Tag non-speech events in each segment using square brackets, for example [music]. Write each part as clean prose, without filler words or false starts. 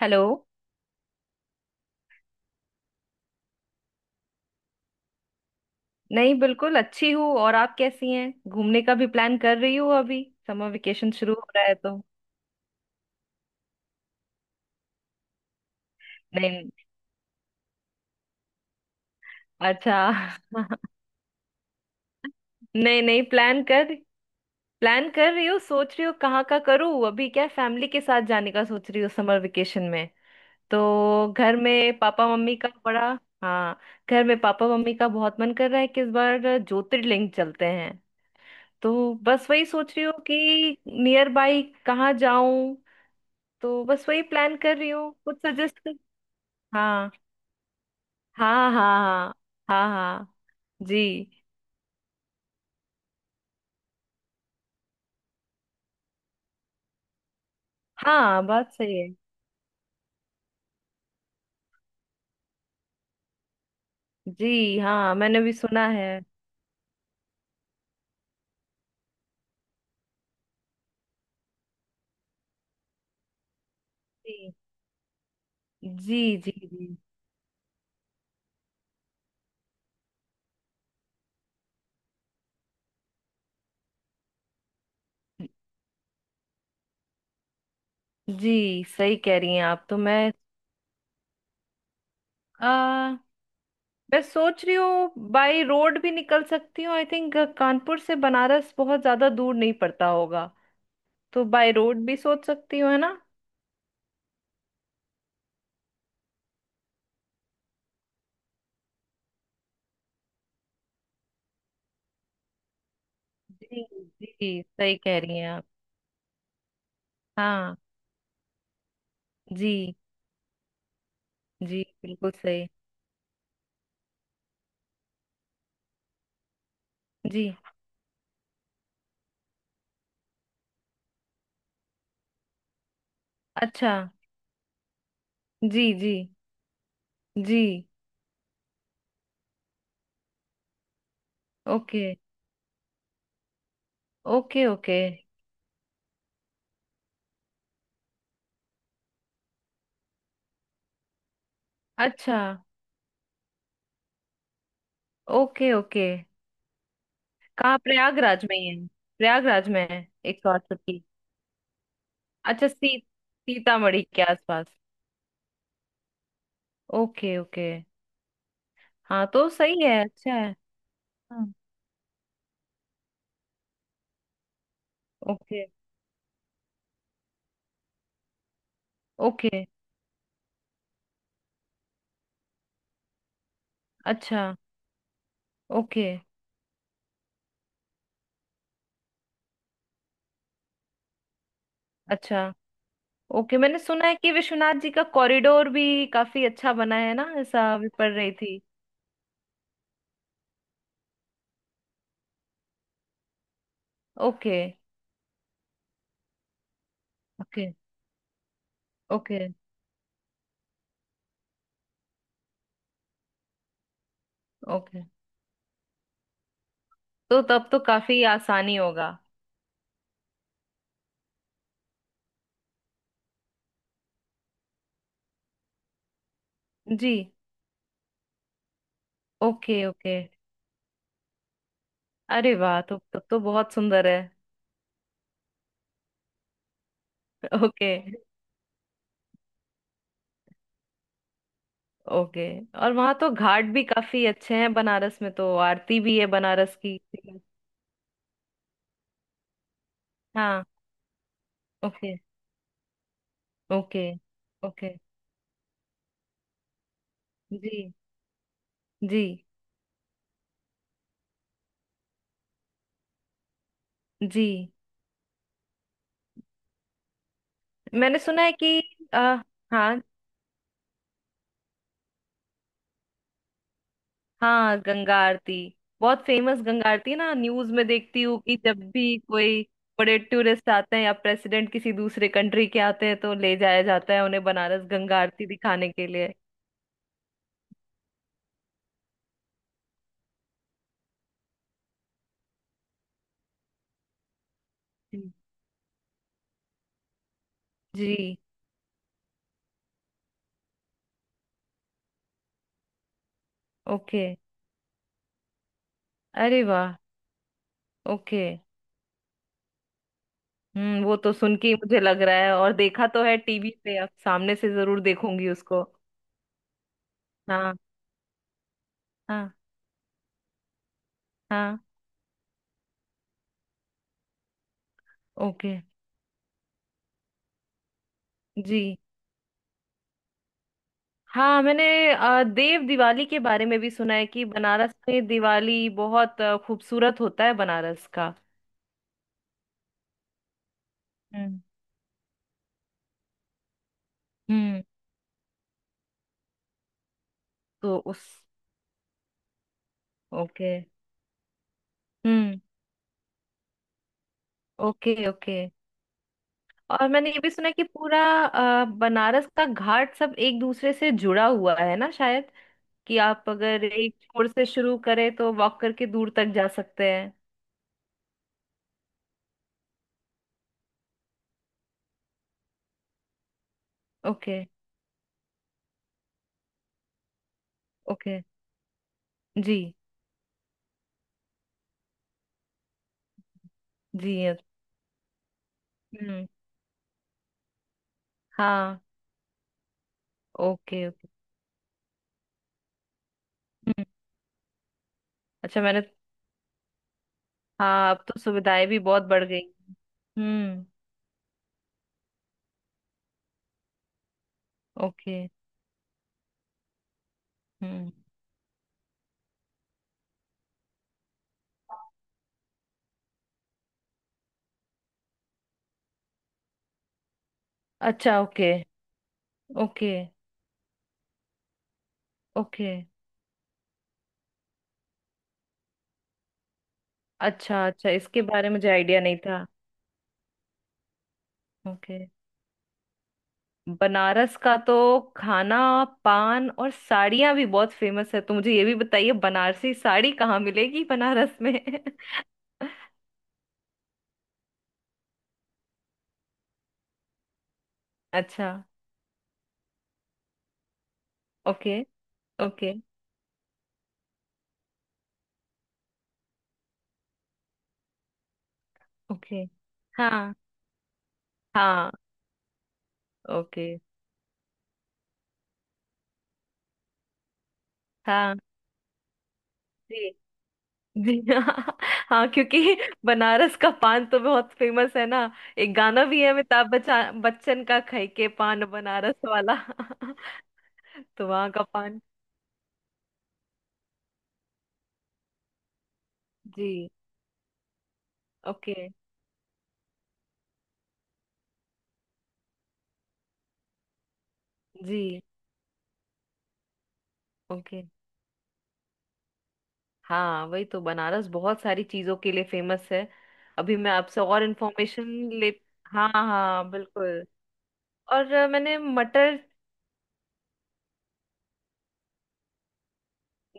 Hello. नहीं, बिल्कुल अच्छी हूँ। और आप कैसी हैं? घूमने का भी प्लान कर रही हूँ अभी। समर वेकेशन शुरू हो रहा है तो। नहीं। अच्छा। [laughs] नहीं नहीं, प्लान कर रही हूँ। सोच रही हूँ कहाँ का करूँ। अभी क्या फैमिली के साथ जाने का सोच रही हूँ समर वेकेशन में। तो घर में पापा मम्मी का बड़ा। हाँ। घर में पापा मम्मी का बहुत मन कर रहा है कि इस बार ज्योतिर्लिंग चलते हैं। तो बस वही सोच रही हूँ कि नियर बाई कहाँ जाऊं। तो बस वही प्लान कर रही हूँ, कुछ सजेस्ट कर। हाँ हाँ हाँ। हाँ हाँ हाँ। जी हाँ, बात सही है। जी हाँ, मैंने भी सुना है। जी जी जी। जी जी, सही कह रही हैं आप। तो मैं आ, मैं सोच रही हूँ बाई रोड भी निकल सकती हूँ। आई थिंक कानपुर से बनारस बहुत ज्यादा दूर नहीं पड़ता होगा। तो बाई रोड भी सोच सकती हूँ, है ना? जी। जी, सही कह रही हैं आप। हाँ। जी जी, बिल्कुल सही। जी। अच्छा। जी जी जी। Okay okay okay. अच्छा। Okay okay. कहाँ, प्रयागराज में ही है? प्रयागराज में है 168 की? अच्छा। सी, सीतामढ़ी के आसपास। Okay okay. हाँ तो सही है, अच्छा है। हाँ। Okay okay. अच्छा। ओके। अच्छा। ओके, मैंने सुना है कि विश्वनाथ जी का कॉरिडोर भी काफी अच्छा बना है ना, ऐसा भी पढ़ रही थी। Okay okay. Okay okay. तो तब तो काफी आसानी होगा। जी। Okay okay. अरे वाह, तो तब तो बहुत सुंदर है। [laughs] Okay okay. और वहां तो घाट भी काफी अच्छे हैं बनारस में, तो आरती भी है बनारस की। हाँ। Okay okay okay. जी जी जी, मैंने सुना है कि आ, हाँ, हाँ, गंगा आरती बहुत फेमस गंगा आरती है ना। न्यूज में देखती हूँ कि जब भी कोई बड़े टूरिस्ट आते हैं या प्रेसिडेंट किसी दूसरे कंट्री के आते हैं, तो ले जाया जाता है उन्हें बनारस गंगा आरती दिखाने के लिए। हम्म। जी। ओके। अरे वाह। ओके। हम्म, वो तो सुन के ही मुझे लग रहा है और देखा तो है टीवी पे, अब सामने से जरूर देखूंगी उसको। हाँ हाँ हाँ। ओके। जी हाँ, मैंने देव दिवाली के बारे में भी सुना है कि बनारस में दिवाली बहुत खूबसूरत होता है बनारस का। हम्म। हम्म, तो उस। ओके। हम्म। Okay okay. और मैंने ये भी सुना है कि पूरा बनारस का घाट सब एक दूसरे से जुड़ा हुआ है ना शायद, कि आप अगर एक छोर से शुरू करें तो वॉक करके दूर तक जा सकते हैं। Okay okay. जी जी। हम्म। हाँ। Okay okay. हम्म। अच्छा, मैंने। हाँ, अब तो सुविधाएं भी बहुत बढ़ गई। हम्म। ओके। हम्म। अच्छा। Okay okay okay. अच्छा अच्छा, इसके बारे में मुझे आइडिया नहीं था। ओके। बनारस का तो खाना, पान और साड़ियां भी बहुत फेमस है, तो मुझे ये भी बताइए बनारसी साड़ी कहाँ मिलेगी बनारस में? [laughs] अच्छा। Okay okay okay. हाँ हाँ। ओके। हाँ। जी। [laughs] जी हाँ। हाँ, क्योंकि बनारस का पान तो बहुत फेमस है ना। एक गाना भी है, अमिताभ बच्चन बच्चन का, खै के पान बनारस वाला। [laughs] तो वहाँ का पान। जी। ओके। जी। ओके। हाँ, वही तो, बनारस बहुत सारी चीजों के लिए फेमस है। अभी मैं आपसे और इन्फॉर्मेशन ले। हाँ हाँ बिल्कुल। और मैंने मटर।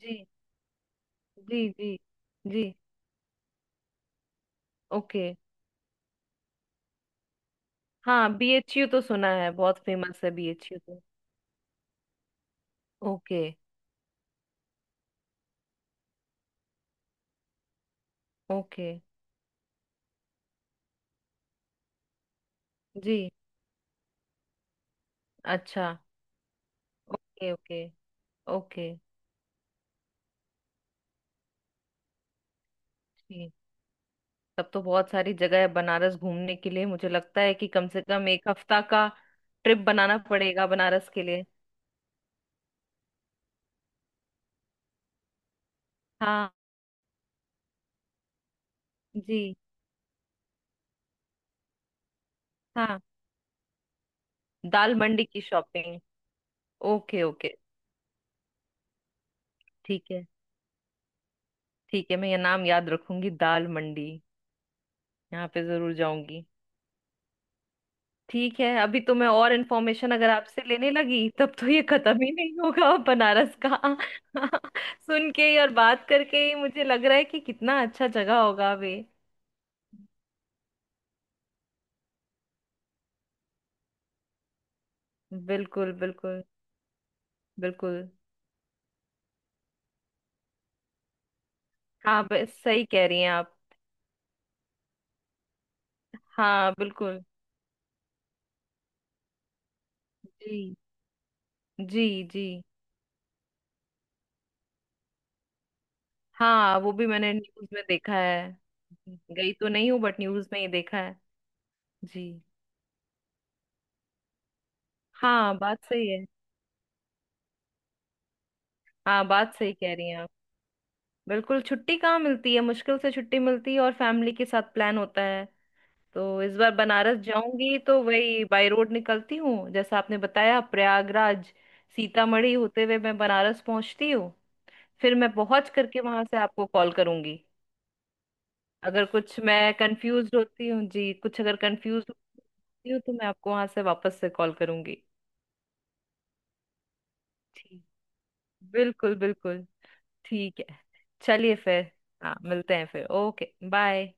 जी जी जी जी। ओके। हाँ, बीएचयू तो सुना है, बहुत फेमस है बीएचयू तो। Okay okay. जी। अच्छा। Okay okay okay. जी। तब तो बहुत सारी जगह है बनारस घूमने के लिए। मुझे लगता है कि कम से कम एक हफ्ता का ट्रिप बनाना पड़ेगा बनारस के लिए। हाँ। जी। हाँ, दाल मंडी की शॉपिंग? Okay okay. ठीक है। ठीक है, मैं ये नाम याद रखूंगी, दाल मंडी। यहाँ पे जरूर जाऊंगी। ठीक है। अभी तो मैं और इन्फॉर्मेशन अगर आपसे लेने लगी तब तो ये खत्म ही नहीं होगा बनारस का। [laughs] सुन के ही और बात करके ही मुझे लग रहा है कि कितना अच्छा जगह होगा वे। बिल्कुल बिल्कुल बिल्कुल। हाँ, सही कह रही हैं आप। हाँ बिल्कुल। जी जी जी। हाँ, वो भी मैंने न्यूज में देखा है। गई तो नहीं हूँ बट न्यूज में ही देखा है। जी। हाँ, बात सही है। हाँ, बात सही कह रही हैं आप। बिल्कुल, छुट्टी कहाँ मिलती है, मुश्किल से छुट्टी मिलती है और फैमिली के साथ प्लान होता है। तो इस बार बनारस जाऊंगी तो वही बाय रोड निकलती हूँ जैसा आपने बताया, प्रयागराज, सीतामढ़ी होते हुए मैं बनारस पहुंचती हूँ। फिर मैं पहुंच करके वहां से आपको कॉल करूंगी। अगर कुछ मैं कंफ्यूज होती हूँ जी, कुछ अगर कंफ्यूज होती हूँ तो मैं आपको वहां से वापस से कॉल करूंगी। ठीक। बिल्कुल बिल्कुल। ठीक है। चलिए फिर। हाँ, मिलते हैं फिर। Okay bye.